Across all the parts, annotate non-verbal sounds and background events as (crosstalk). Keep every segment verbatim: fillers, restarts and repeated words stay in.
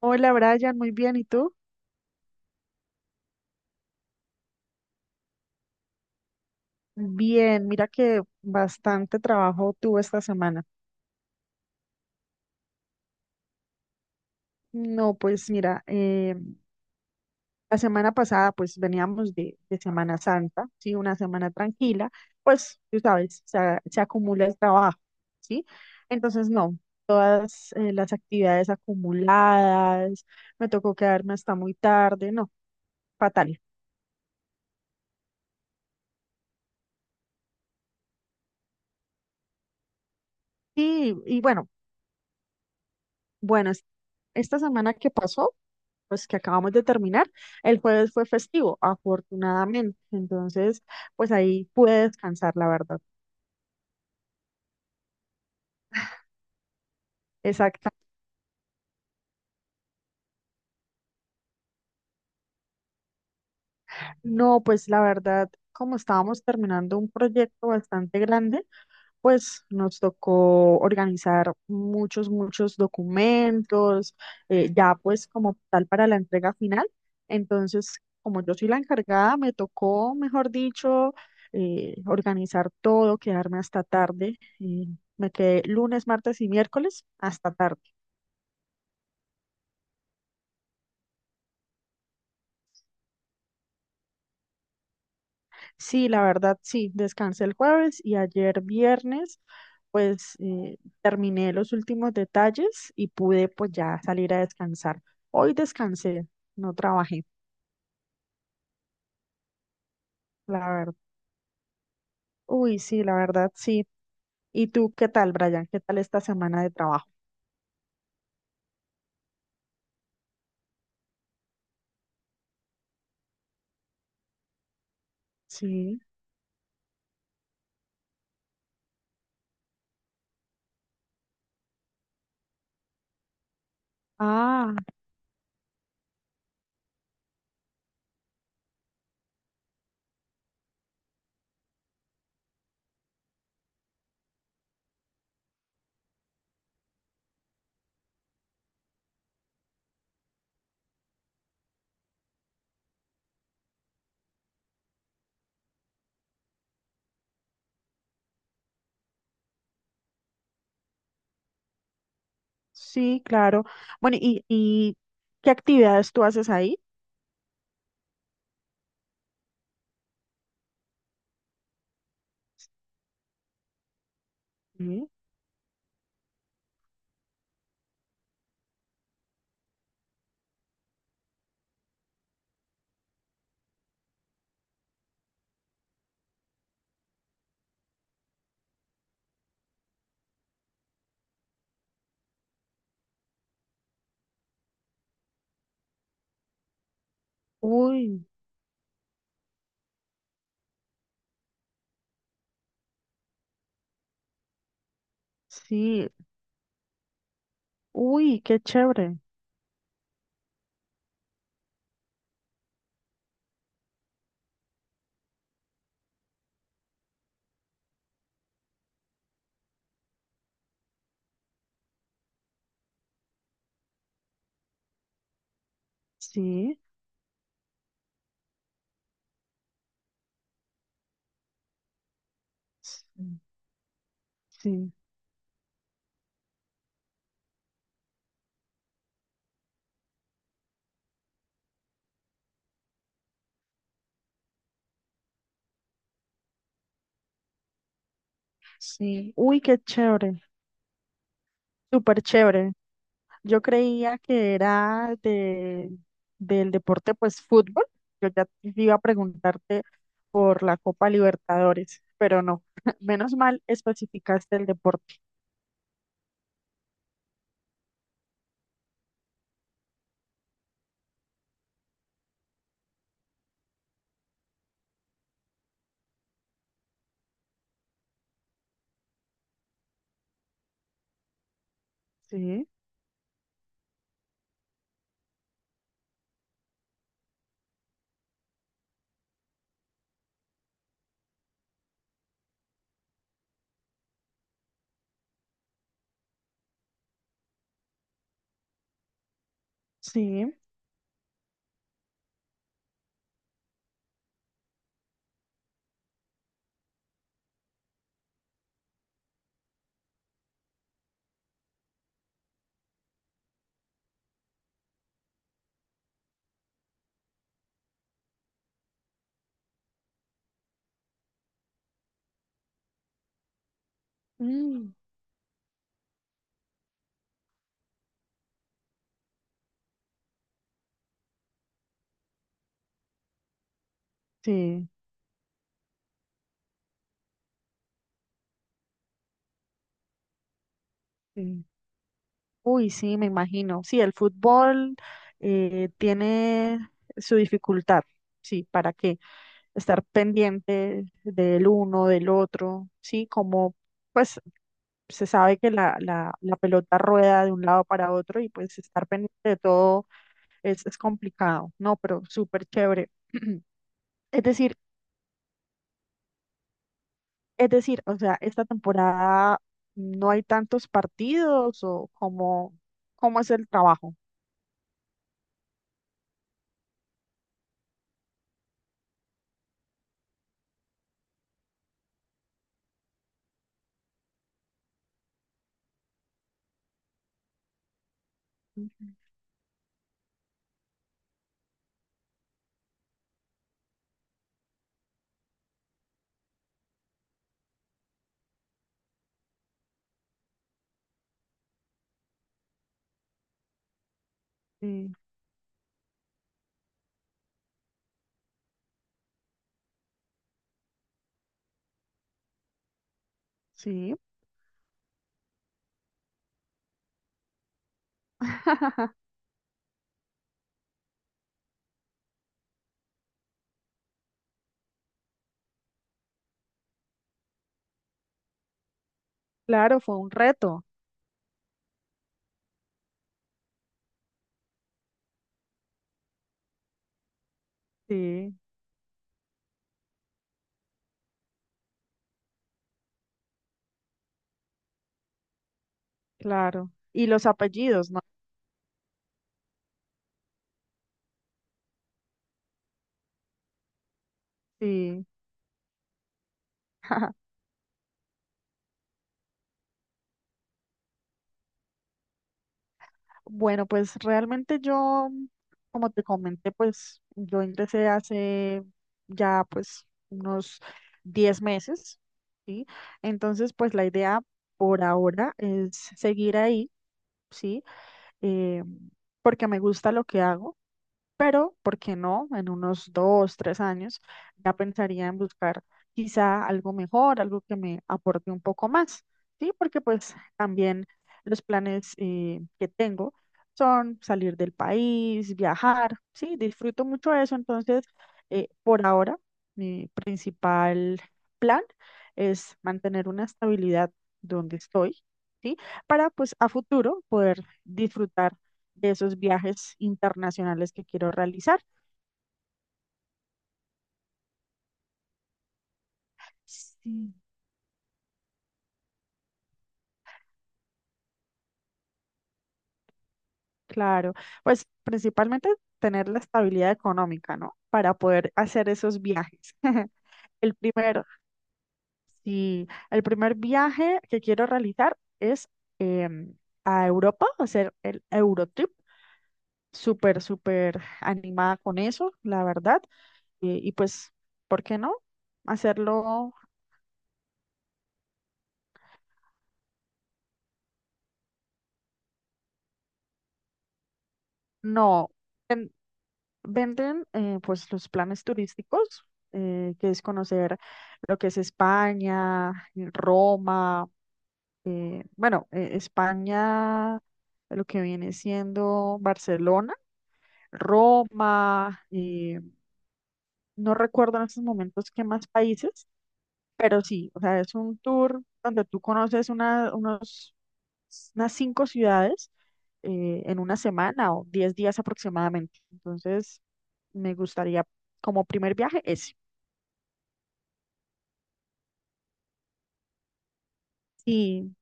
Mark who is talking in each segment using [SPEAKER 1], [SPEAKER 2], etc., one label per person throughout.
[SPEAKER 1] Hola Brian, muy bien. ¿Y tú? Bien, mira que bastante trabajo tuve esta semana. No, pues mira, eh, la semana pasada pues veníamos de, de Semana Santa, ¿sí? Una semana tranquila, pues tú sabes, se, a- se acumula el trabajo, ¿sí? Entonces no, todas eh, las actividades acumuladas, me tocó quedarme hasta muy tarde, no, fatal. Sí, y bueno, Bueno, es- esta semana que pasó, pues que acabamos de terminar, el jueves fue festivo, afortunadamente. Entonces, pues ahí pude descansar, la verdad. Exacta. No, pues la verdad, como estábamos terminando un proyecto bastante grande, pues nos tocó organizar muchos, muchos documentos, eh, ya pues como tal para la entrega final. Entonces, como yo soy la encargada, me tocó, mejor dicho, eh, organizar todo, quedarme hasta tarde. Eh, me quedé lunes, martes y miércoles hasta tarde. Sí, la verdad, sí, descansé el jueves y ayer viernes, pues eh, terminé los últimos detalles y pude pues ya salir a descansar. Hoy descansé, no trabajé, la verdad. Uy, sí, la verdad, sí. ¿Y tú qué tal, Brian? ¿Qué tal esta semana de trabajo? Sí. Ah, sí, claro. Bueno, ¿y, y qué actividades tú haces ahí? Sí. Uy, sí. Uy, qué chévere. Sí. Sí. Sí. Sí, uy, qué chévere, súper chévere. Yo creía que era de, del deporte, pues fútbol. Yo ya te iba a preguntarte por la Copa Libertadores, pero no. (laughs) Menos mal especificaste el deporte. Sí, sí, mm, sí, sí. Uy, sí, me imagino. Sí, el fútbol eh, tiene su dificultad, sí, ¿para qué? Estar pendiente del uno, del otro, sí, como pues se sabe que la, la, la pelota rueda de un lado para otro y pues estar pendiente de todo es, es complicado, ¿no? Pero súper chévere. (clears throat) Es decir, es decir, o sea, esta temporada no hay tantos partidos o cómo cómo es el trabajo. Ujú. Sí. Sí. Claro, fue un reto. Sí, claro. Y los apellidos, ¿no? Sí. (laughs) Bueno, pues realmente yo, como te comenté, pues yo ingresé hace ya pues unos diez meses, ¿sí? Entonces, pues la idea por ahora es seguir ahí, ¿sí? Eh, porque me gusta lo que hago. Pero, ¿por qué no? En unos dos, tres años ya pensaría en buscar quizá algo mejor, algo que me aporte un poco más, ¿sí? Porque pues también los planes eh, que tengo son salir del país, viajar, ¿sí? Disfruto mucho eso, entonces, eh, por ahora, mi principal plan es mantener una estabilidad donde estoy, ¿sí? Para pues a futuro poder disfrutar de esos viajes internacionales que quiero realizar. Sí. Claro, pues principalmente tener la estabilidad económica, ¿no? Para poder hacer esos viajes. (laughs) El primer, sí, el primer viaje que quiero realizar es em, a Europa, hacer el Eurotrip. Súper, súper animada con eso, la verdad. Eh, y pues, ¿por qué no? Hacerlo, no. Venden eh, pues los planes turísticos, eh, que es conocer lo que es España, Roma, eh, bueno, eh, España, lo que viene siendo Barcelona, Roma, eh, no recuerdo en estos momentos qué más países, pero sí, o sea, es un tour donde tú conoces una, unos unas cinco ciudades eh, en una semana o diez días aproximadamente. Entonces, me gustaría como primer viaje ese. Y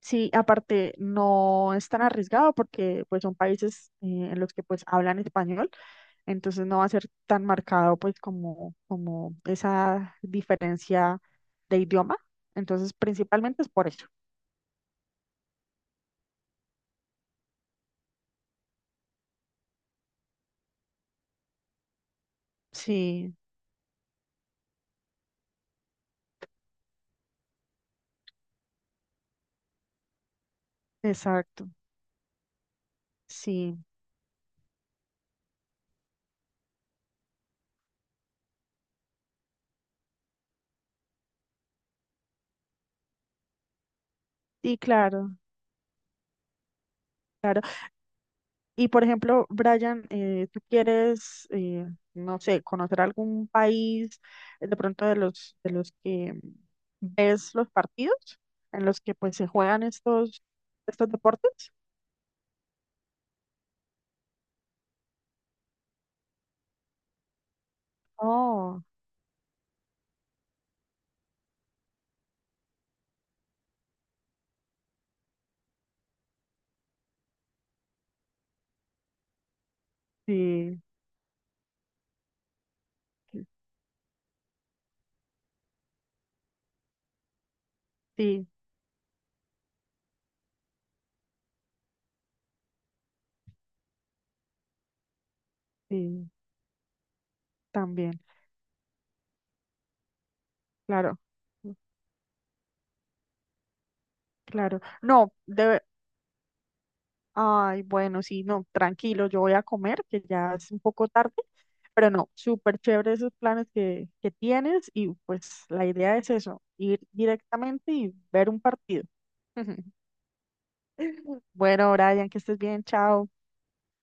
[SPEAKER 1] sí, aparte no es tan arriesgado porque pues son países eh, en los que pues hablan español, entonces no va a ser tan marcado pues como, como esa diferencia de idioma. Entonces, principalmente es por eso. Sí, exacto. Sí, y claro. Claro. Y por ejemplo, Brian, eh, tú quieres, eh, no sé, conocer algún país eh, de pronto de los de los que ves los partidos en los que pues se juegan estos estos deportes. Oh, sí, sí, sí, también, claro, claro. No, de, ay, bueno, sí, no, tranquilo, yo voy a comer, que ya es un poco tarde, pero no, súper chévere esos planes que, que tienes y pues la idea es eso, ir directamente y ver un partido. (laughs) Bueno, Brian, que estés bien, chao.